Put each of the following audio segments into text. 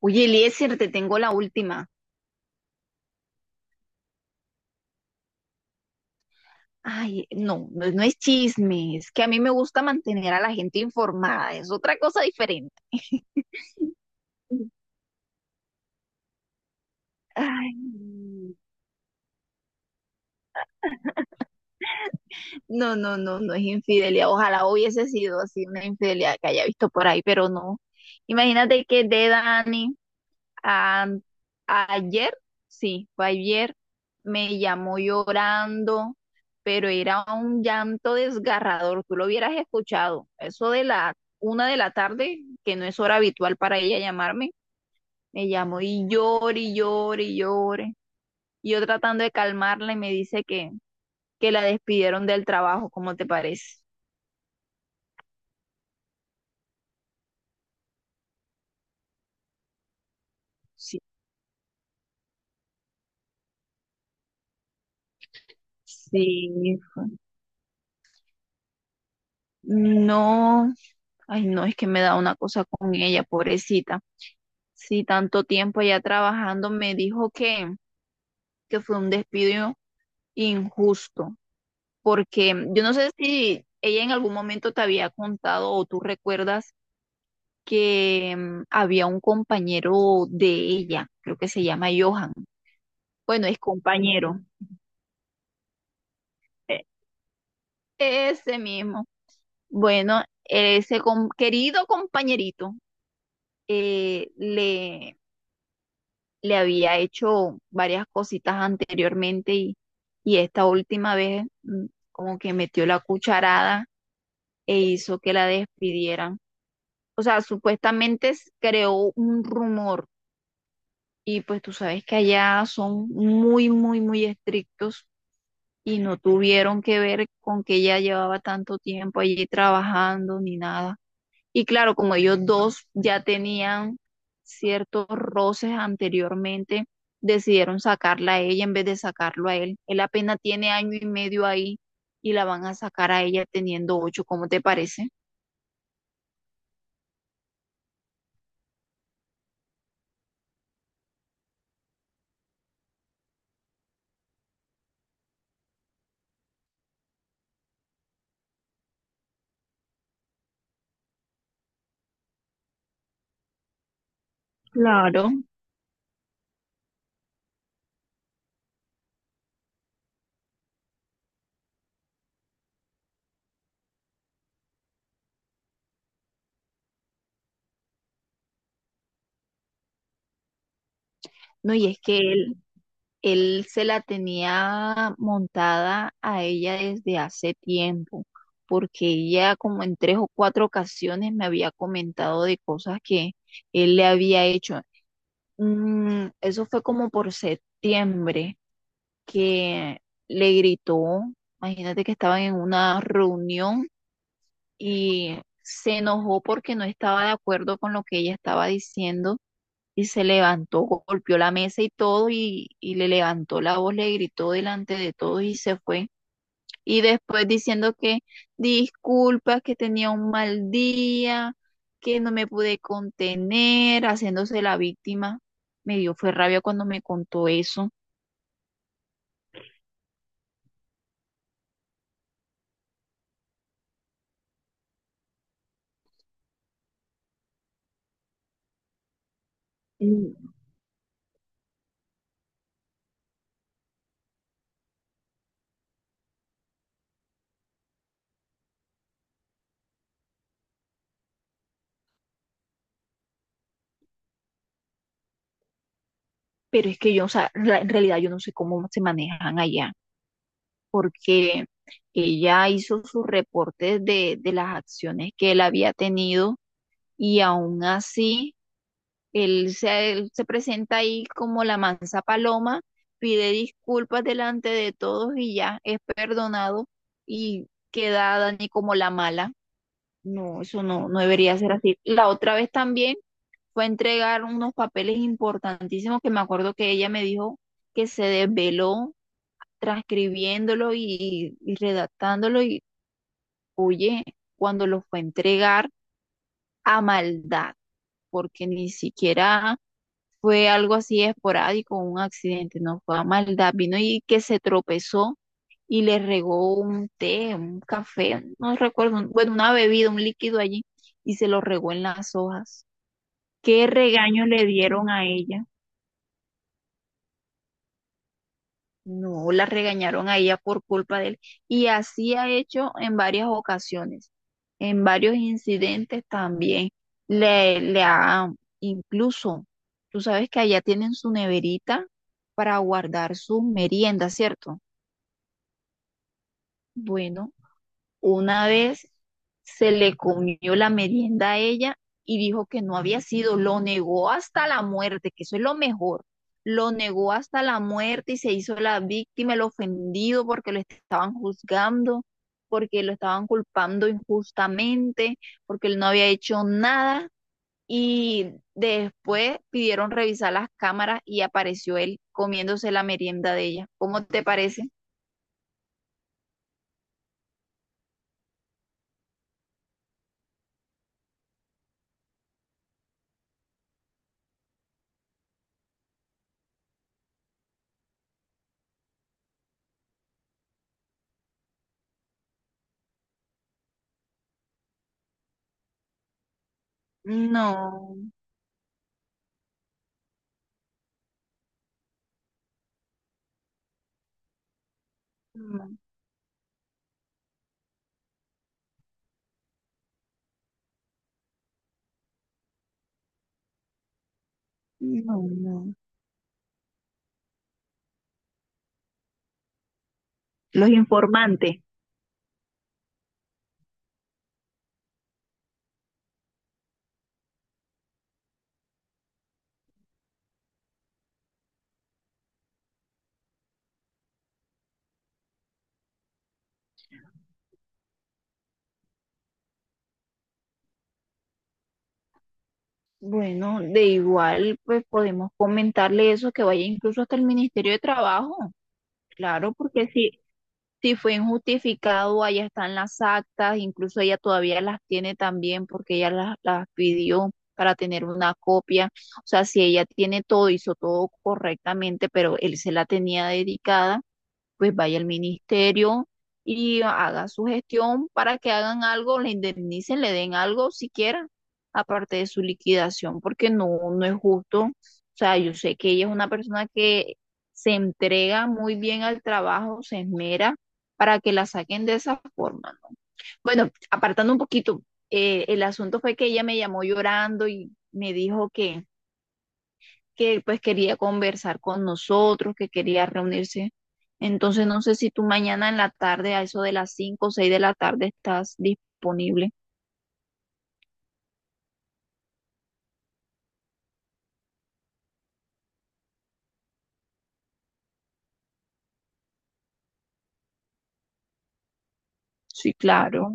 Oye, Eliezer, te tengo la última. Ay, no, no, no es chisme, es que a mí me gusta mantener a la gente informada, es otra cosa diferente. Ay, no, no, no, no es infidelidad. Ojalá hubiese sido así una infidelidad que haya visto por ahí, pero no. Imagínate que de Dani. Am- Ayer, sí, fue ayer, me llamó llorando, pero era un llanto desgarrador. Tú lo hubieras escuchado. Eso de la una de la tarde, que no es hora habitual para ella llamarme, me llamó y llore, y llore, y llore. Y yo tratando de calmarla y me dice que la despidieron del trabajo, ¿cómo te parece? Sí, sí, no, ay no, es que me da una cosa con ella, pobrecita. Sí, tanto tiempo allá trabajando, me dijo que fue un despido injusto, porque yo no sé si ella en algún momento te había contado o tú recuerdas que había un compañero de ella, creo que se llama Johan. Bueno, es compañero, e- ese mismo. Bueno, ese querido compañerito eh, le le había hecho varias cositas anteriormente y esta última vez, como que metió la cucharada e hizo que la despidieran. O sea, supuestamente creó un rumor y pues tú sabes que allá son muy, muy, muy estrictos y no tuvieron que ver con que ella llevaba tanto tiempo allí trabajando ni nada. Y claro, como ellos dos ya tenían ciertos roces anteriormente, decidieron sacarla a ella en vez de sacarlo a él. Él apenas tiene año y medio ahí y la van a sacar a ella teniendo ocho, ¿cómo te parece? Claro, no, y es que él se la tenía montada a ella desde hace tiempo, porque ella como en tres o cuatro ocasiones me había comentado de cosas que él le había hecho. Mm, eso fue como por septiembre que le gritó, imagínate que estaban en una reunión y se enojó porque no estaba de acuerdo con lo que ella estaba diciendo y se levantó, golpeó la mesa y todo y le levantó la voz, le gritó delante de todos y se fue. Y después diciendo que disculpa, que tenía un mal día, que no me pude contener, haciéndose la víctima. Me dio fue rabia cuando me contó eso. Mm, pero es que yo, o sea, en realidad yo no sé cómo se manejan allá, porque ella hizo sus reportes de las acciones que él había tenido y aún así él se presenta ahí como la mansa paloma, pide disculpas delante de todos y ya es perdonado y queda Dani como la mala. No, eso no, no debería ser así. La otra vez también fue a entregar unos papeles importantísimos que me acuerdo que ella me dijo que se desveló transcribiéndolo y redactándolo y oye, cuando lo fue a entregar a maldad, porque ni siquiera fue algo así esporádico, un accidente, no fue a maldad, vino y que se tropezó y le regó un té, un café, no recuerdo, bueno, una bebida, un líquido allí, y se lo regó en las hojas. ¿Qué regaño le dieron a ella? No, la regañaron a ella por culpa de él. Y así ha hecho en varias ocasiones, en varios incidentes también. Le, le ha, incluso, tú sabes que allá tienen su neverita para guardar sus meriendas, ¿cierto? Bueno, una vez se le comió la merienda a ella y dijo que no había sido, lo negó hasta la muerte, que eso es lo mejor. Lo negó hasta la muerte y se hizo la víctima, el ofendido porque lo estaban juzgando, porque lo estaban culpando injustamente, porque él no había hecho nada. Y después pidieron revisar las cámaras y apareció él comiéndose la merienda de ella. ¿Cómo te parece? No, no, no, no. Los informantes. Bueno, de igual, pues podemos comentarle eso, que vaya incluso hasta el Ministerio de Trabajo. Claro, porque si, si fue injustificado, allá están las actas, incluso ella todavía las tiene también porque ella las pidió para tener una copia. O sea, si ella tiene todo, hizo todo correctamente, pero él se la tenía dedicada, pues vaya al ministerio y haga su gestión para que hagan algo, le indemnicen, le den algo siquiera, aparte de su liquidación, porque no, no es justo. O sea, yo sé que ella es una persona que se entrega muy bien al trabajo, se esmera para que la saquen de esa forma, ¿no? Bueno, apartando un poquito, el asunto fue que ella me llamó llorando y me dijo que pues quería conversar con nosotros, que quería reunirse. Entonces no sé si tú mañana en la tarde, a eso de las 5, o 6 de la tarde, estás disponible. Sí, claro.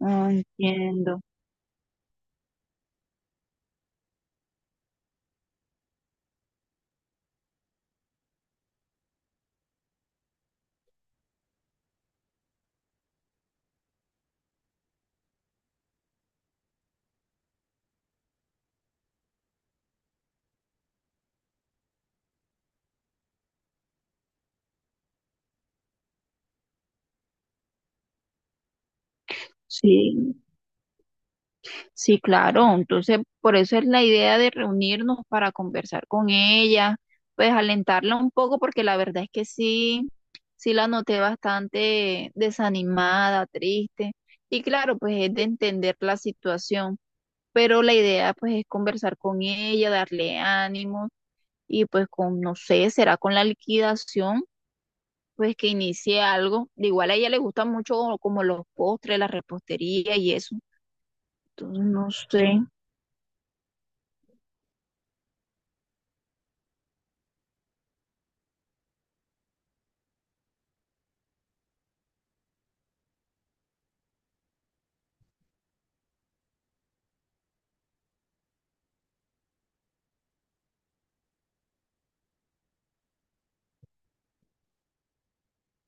Ah, entiendo. Sí, sí, claro. Entonces, por eso es la idea de reunirnos para conversar con ella, pues alentarla un poco, porque la verdad es que sí, sí la noté bastante desanimada, triste. Y claro, pues es de entender la situación. Pero la idea pues es conversar con ella, darle ánimo y pues con, no sé, será con la liquidación, pues que inicie algo. De igual a ella le gustan mucho como los postres, la repostería y eso. Entonces, no sé,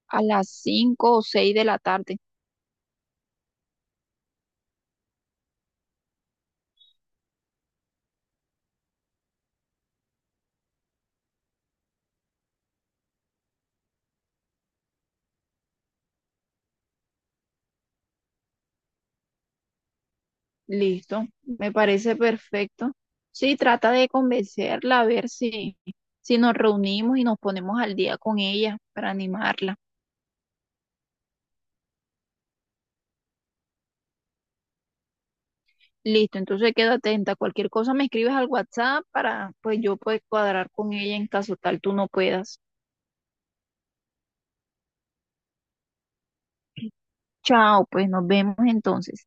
a las 5 o 6 de la tarde. Listo, me parece perfecto. Sí, trata de convencerla a ver si, si nos reunimos y nos ponemos al día con ella para animarla. Listo, entonces quedo atenta. Cualquier cosa me escribes al WhatsApp para pues yo poder cuadrar con ella en caso tal tú no puedas. Chao, pues nos vemos entonces.